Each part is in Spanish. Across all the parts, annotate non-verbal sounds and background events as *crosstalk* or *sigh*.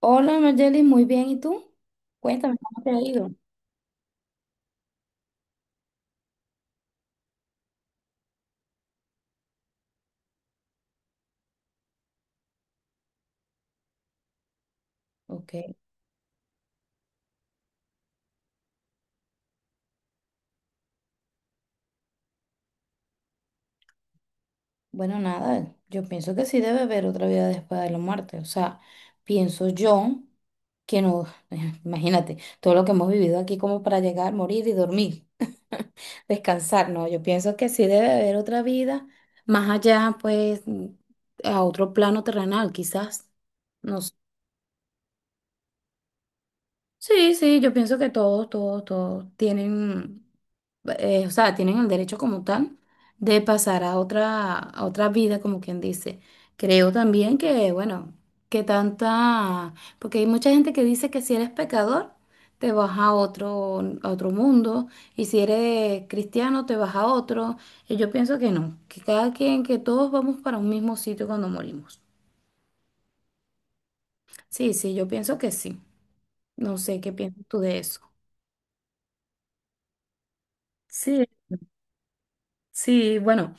Hola, Margelis, muy bien. ¿Y tú? Cuéntame, ¿cómo te ha ido? Ok, bueno, nada, yo pienso que sí debe haber otra vida después de la muerte. O sea, pienso yo que no, *laughs* imagínate, todo lo que hemos vivido aquí como para llegar, morir y dormir, *laughs* descansar, no, yo pienso que sí debe haber otra vida más allá, pues, a otro plano terrenal, quizás. No sé. Sí, sí, yo pienso que todos tienen, o sea, tienen el derecho como tal de pasar a otra vida, como quien dice. Creo también que, bueno, que tanta, porque hay mucha gente que dice que si eres pecador, te vas a otro mundo, y si eres cristiano, te vas a otro. Y yo pienso que no, que cada quien, que todos vamos para un mismo sitio cuando morimos. Sí, sí, yo pienso que sí. No sé qué piensas tú de eso. Sí. Sí, bueno,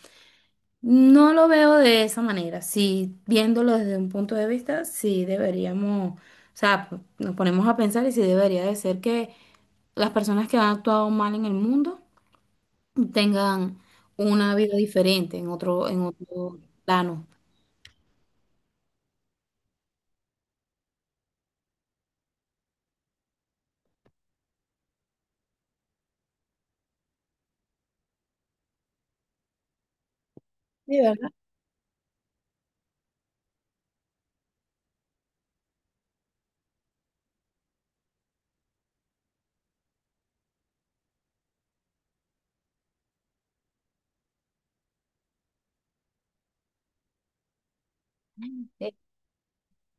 no lo veo de esa manera. Sí, viéndolo desde un punto de vista, sí deberíamos, o sea, nos ponemos a pensar y sí debería de ser que las personas que han actuado mal en el mundo tengan una vida diferente en otro plano. Sí, ¿verdad?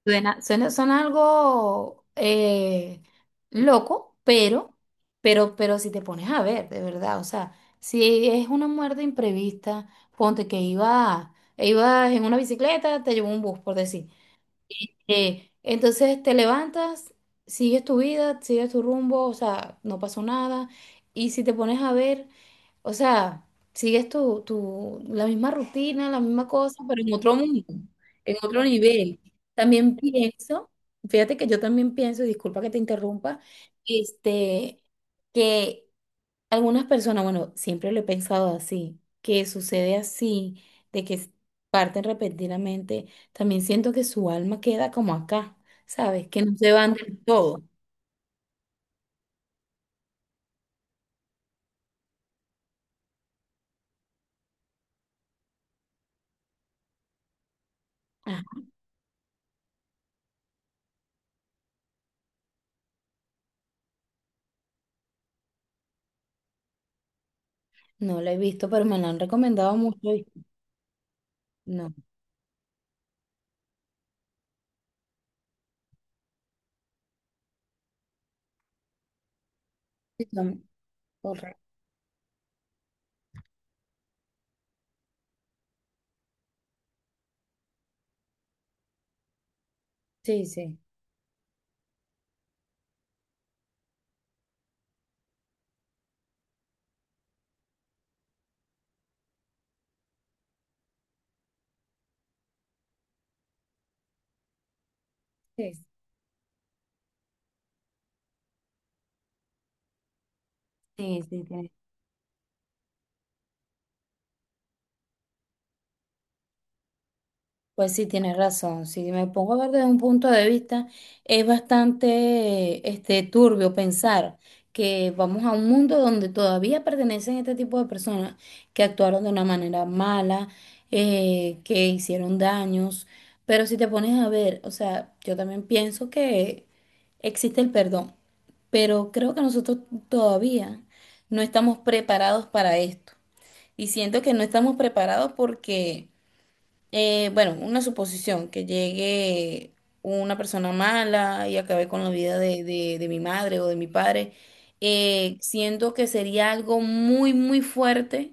Suena algo loco, pero, pero si te pones a ver, de verdad, o sea, si es una muerte imprevista, ponte que ibas en una bicicleta, te llevó un bus, por decir. Entonces te levantas, sigues tu vida, sigues tu rumbo, o sea, no pasó nada. Y si te pones a ver, o sea, sigues la misma rutina, la misma cosa, pero en otro mundo, en otro nivel. También pienso, fíjate que yo también pienso, y disculpa que te interrumpa, este, que algunas personas, bueno, siempre lo he pensado así, que sucede así, de que parten repentinamente, también siento que su alma queda como acá, ¿sabes? Que no se van del todo. Ah, no lo he visto, pero me lo han recomendado mucho y no. Sí, son. Sí, sí, sí. Sí, sí, pues sí, tienes razón. Si me pongo a ver desde un punto de vista, es bastante turbio pensar que vamos a un mundo donde todavía pertenecen este tipo de personas que actuaron de una manera mala, que hicieron daños. Pero si te pones a ver, o sea, yo también pienso que existe el perdón, pero creo que nosotros todavía no estamos preparados para esto. Y siento que no estamos preparados porque, bueno, una suposición, que llegue una persona mala y acabe con la vida de mi madre o de mi padre, siento que sería algo muy, muy fuerte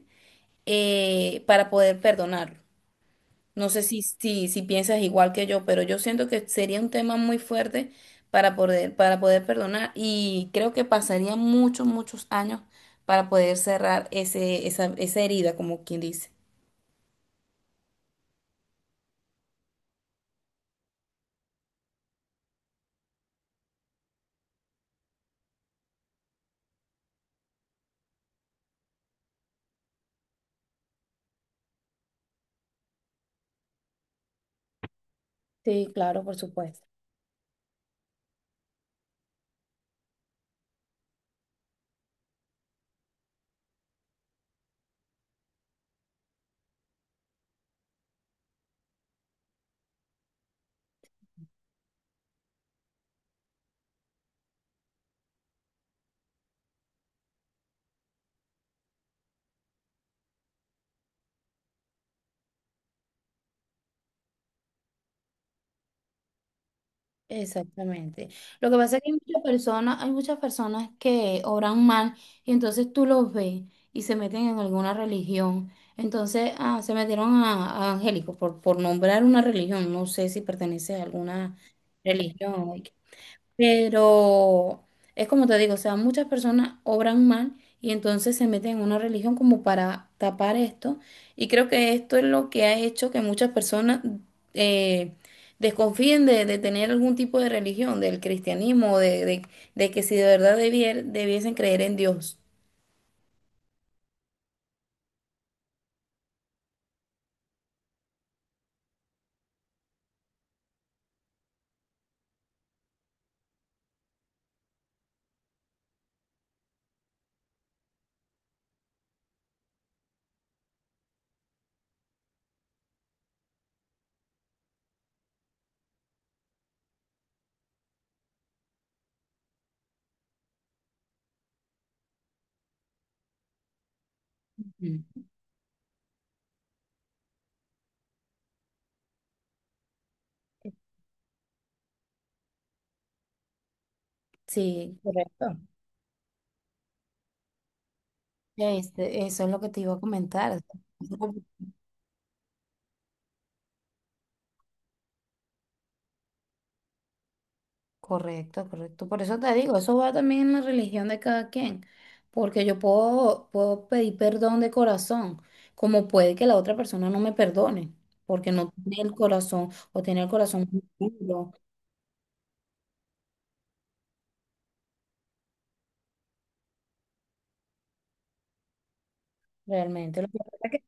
para poder perdonarlo. No sé si piensas igual que yo, pero yo siento que sería un tema muy fuerte para para poder perdonar y creo que pasaría muchos, muchos años para poder cerrar esa herida, como quien dice. Sí, claro, por supuesto. Exactamente. Lo que pasa es que hay muchas personas que oran mal y entonces tú los ves y se meten en alguna religión. Entonces, ah, se metieron a angélicos por nombrar una religión. No sé si pertenece a alguna religión. Pero es como te digo, o sea, muchas personas obran mal y entonces se meten en una religión como para tapar esto. Y creo que esto es lo que ha hecho que muchas personas eh, desconfíen de tener algún tipo de religión, del cristianismo, de que si de verdad debiesen creer en Dios. Ujú. Sí. Correcto. Este, eso es lo que te iba a comentar. Correcto, correcto. Por eso te digo, eso va también en la religión de cada quien, porque yo puedo pedir perdón de corazón, como puede que la otra persona no me perdone, porque no tiene el corazón o tiene el corazón muy duro realmente. Lo que pasa es que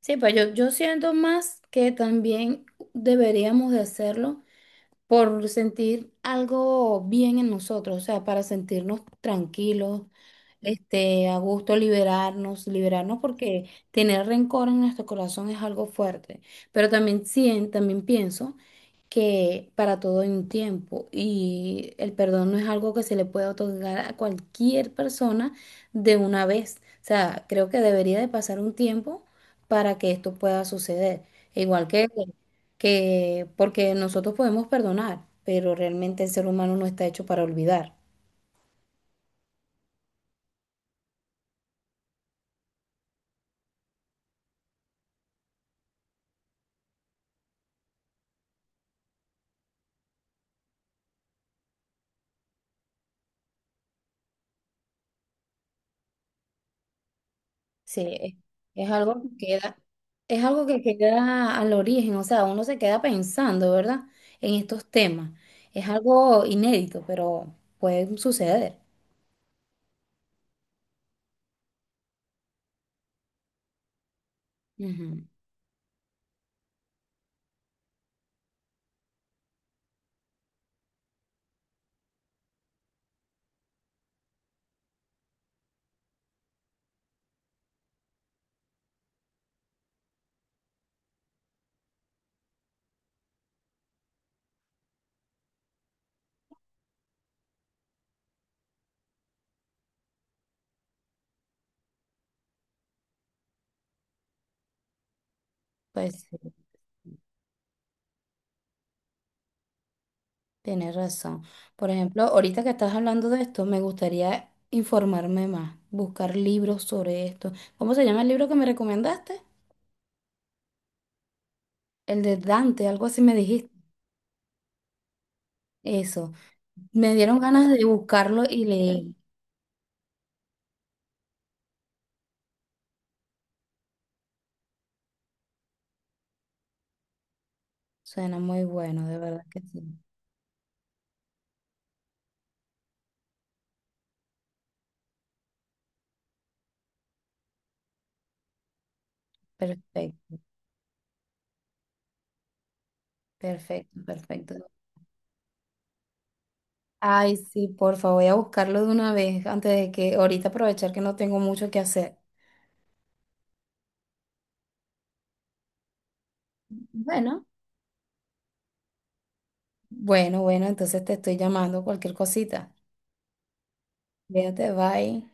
sí, pues yo siento más que también deberíamos de hacerlo por sentir algo bien en nosotros, o sea, para sentirnos tranquilos, a gusto liberarnos, liberarnos porque tener rencor en nuestro corazón es algo fuerte. Pero también también pienso que para todo hay un tiempo y el perdón no es algo que se le puede otorgar a cualquier persona de una vez. O sea, creo que debería de pasar un tiempo para que esto pueda suceder. Igual que porque nosotros podemos perdonar, pero realmente el ser humano no está hecho para olvidar. Sí, es algo que queda, es algo que queda al origen, o sea, uno se queda pensando, ¿verdad? En estos temas. Es algo inédito, pero puede suceder. Ujú. Pues sí, tienes razón. Por ejemplo, ahorita que estás hablando de esto, me gustaría informarme más, buscar libros sobre esto. ¿Cómo se llama el libro que me recomendaste? El de Dante, algo así me dijiste. Eso. Me dieron ganas de buscarlo y leer. Suena muy bueno, de verdad que sí. Perfecto. Perfecto, perfecto. Ay, sí, porfa, voy a buscarlo de una vez antes de que ahorita aprovechar que no tengo mucho que hacer. Bueno, bueno, bueno, entonces te estoy llamando cualquier cosita. Fíjate, bye.